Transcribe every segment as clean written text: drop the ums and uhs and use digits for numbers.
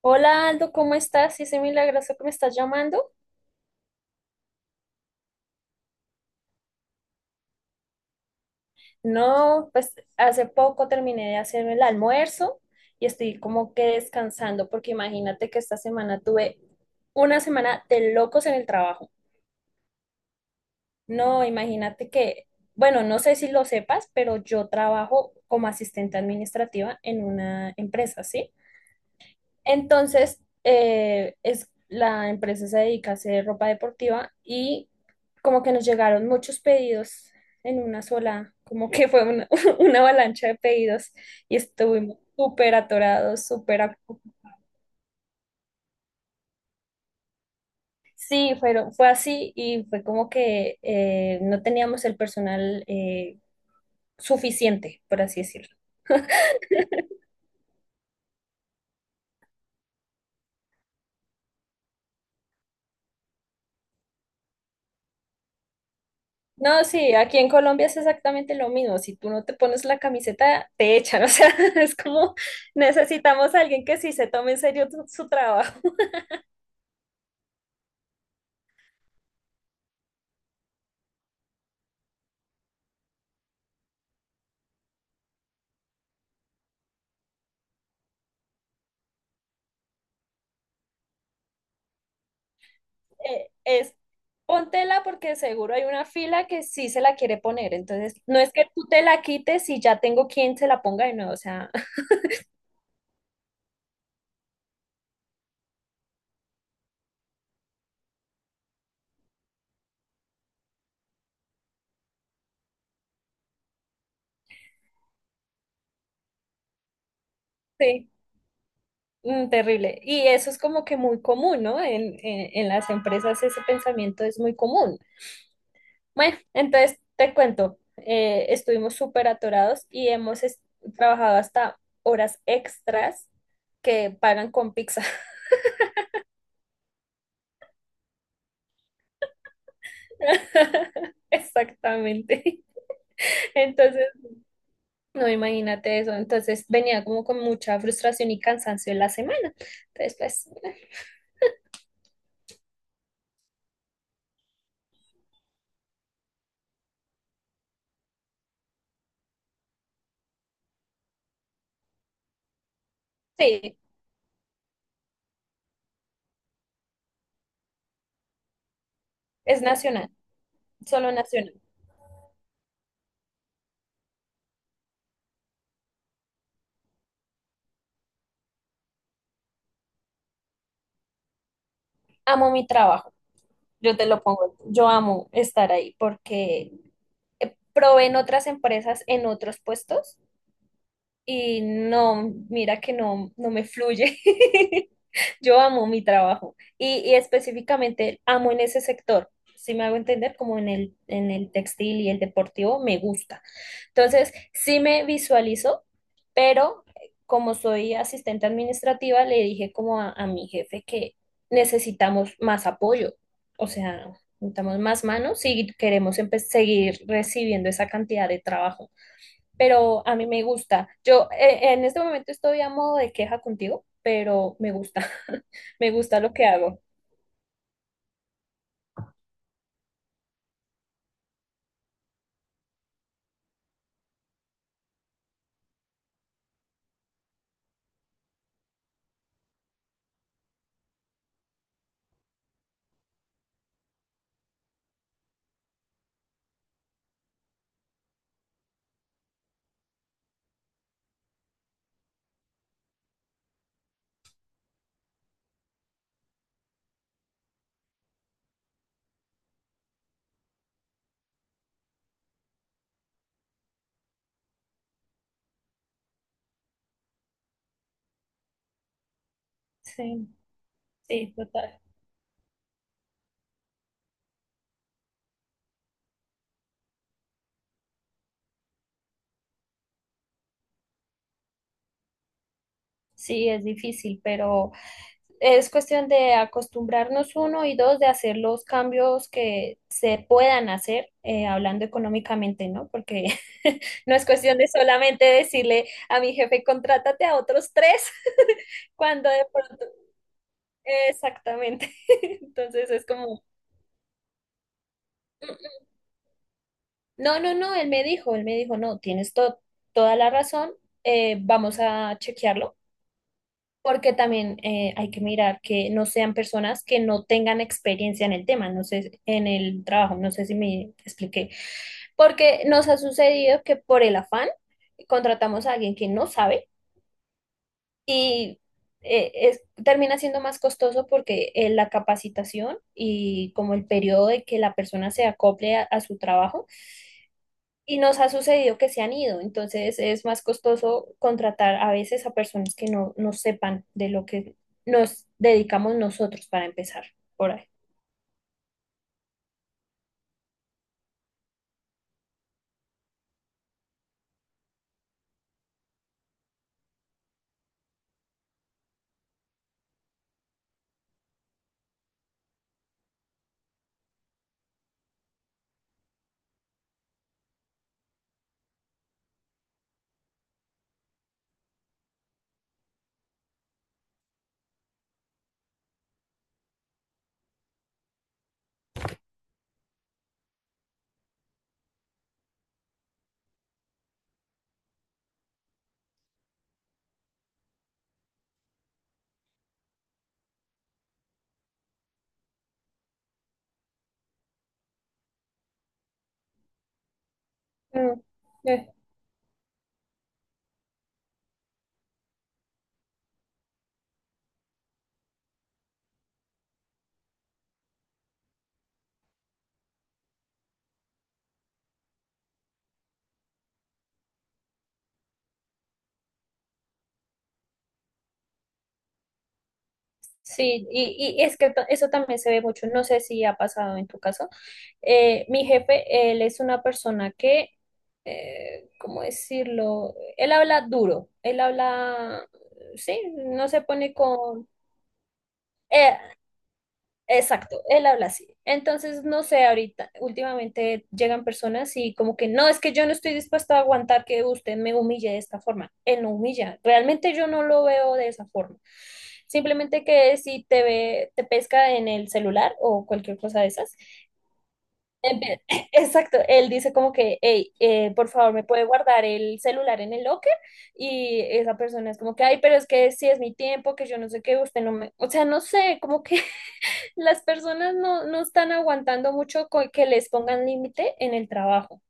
Hola Aldo, ¿cómo estás? Ese milagroso que me estás llamando. No, pues hace poco terminé de hacerme el almuerzo y estoy como que descansando porque imagínate que esta semana tuve una semana de locos en el trabajo. No, imagínate que, bueno, no sé si lo sepas, pero yo trabajo como asistente administrativa en una empresa, ¿sí? Entonces, es, la empresa se dedica a hacer ropa deportiva y como que nos llegaron muchos pedidos en una sola, como que fue una, una avalancha de pedidos y estuvimos súper atorados, Sí, fue así y fue como que no teníamos el personal suficiente, por así decirlo. No, sí, aquí en Colombia es exactamente lo mismo. Si tú no te pones la camiseta, te echan. O sea, es como necesitamos a alguien que sí se tome en serio su trabajo. Es póntela porque seguro hay una fila que sí se la quiere poner. Entonces, no es que tú te la quites y ya tengo quien se la ponga de nuevo. O sea, sí, mm, terrible. Y eso es como que muy común, ¿no? En las empresas ese pensamiento es muy común. Bueno, entonces te cuento, estuvimos súper atorados y trabajado hasta horas extras que pagan con pizza. Exactamente. Entonces, no imagínate eso. Entonces venía como con mucha frustración y cansancio en la semana. Entonces, pues, sí, es nacional, solo nacional. Amo mi trabajo, yo te lo pongo, yo amo estar ahí porque probé en otras empresas, en otros puestos. Y no, mira que no, no me fluye. Yo amo mi trabajo y específicamente amo en ese sector. Si me hago entender, como en en el textil y el deportivo, me gusta. Entonces, sí me visualizo, pero como soy asistente administrativa, le dije como a mi jefe que necesitamos más apoyo. O sea, necesitamos más manos si queremos seguir recibiendo esa cantidad de trabajo pero a mí me gusta. Yo en este momento estoy a modo de queja contigo, pero me gusta, me gusta lo que hago. Sí, sí, total. Sí, es difícil, pero es cuestión de acostumbrarnos uno y dos, de hacer los cambios que se puedan hacer, hablando económicamente, ¿no? Porque no es cuestión de solamente decirle a mi jefe, contrátate a otros tres, cuando de pronto, exactamente. Entonces es como... No, él me dijo, no, toda la razón, vamos a chequearlo, porque también hay que mirar que no sean personas que no tengan experiencia en el tema, no sé, en el trabajo, no sé si me expliqué, porque nos ha sucedido que por el afán contratamos a alguien que no sabe y termina siendo más costoso porque la capacitación y como el periodo de que la persona se acople a su trabajo. Y nos ha sucedido que se han ido, entonces es más costoso contratar a veces a personas que no sepan de lo que nos dedicamos nosotros para empezar por ahí. Mm, eh, sí, y es que eso también se ve mucho, no sé si ha pasado en tu caso. Mi jefe, él es una persona que, ¿cómo decirlo? Él habla duro, él habla, sí, no se pone con... eh, Exacto, él habla así. Entonces, no sé, ahorita, últimamente llegan personas y como que no, es que yo no estoy dispuesta a aguantar que usted me humille de esta forma. Él no humilla, realmente yo no lo veo de esa forma. Simplemente que si te ve, te pesca en el celular o cualquier cosa de esas. en vez- Exacto, él dice como que, hey, por favor, me puede guardar el celular en el locker. Y esa persona es como que, ay, pero es que si es mi tiempo, que yo no sé qué, usted no me, o sea, no sé, como que las personas no están aguantando mucho que les pongan límite en el trabajo,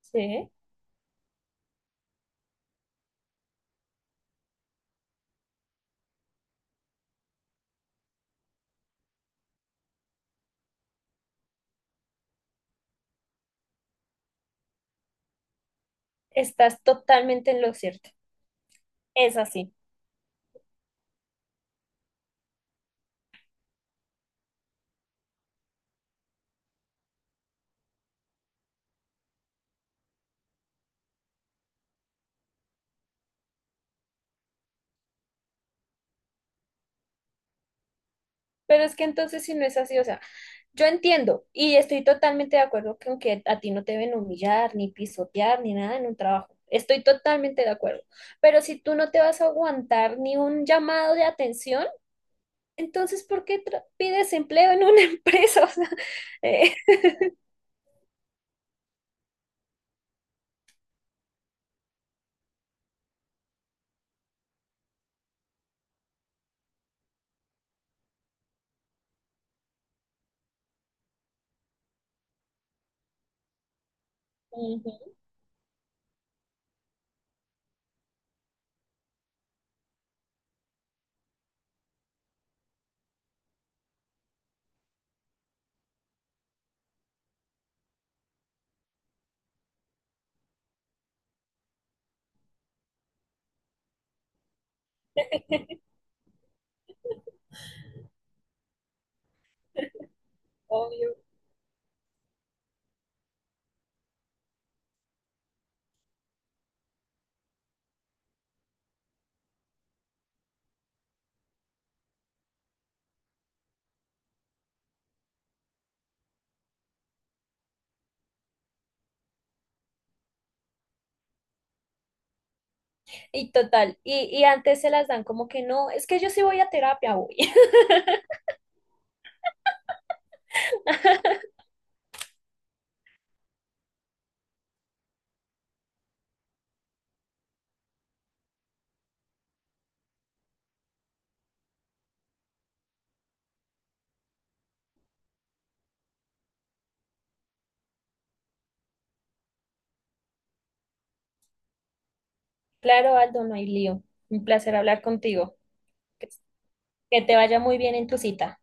¿sí? Estás totalmente en lo cierto, es así. Pero es que entonces si no es así, o sea, yo entiendo y estoy totalmente de acuerdo con que a ti no te deben humillar, ni pisotear, ni nada en un trabajo. Estoy totalmente de acuerdo. Pero si tú no te vas a aguantar ni un llamado de atención, entonces ¿por qué pides empleo en una empresa? O sea, eh, ujú, obvio. Y total, y antes se las dan como que no, es que yo sí voy a terapia voy Claro, Aldo, no hay lío. Un placer hablar contigo. Que que te vaya muy bien en tu cita.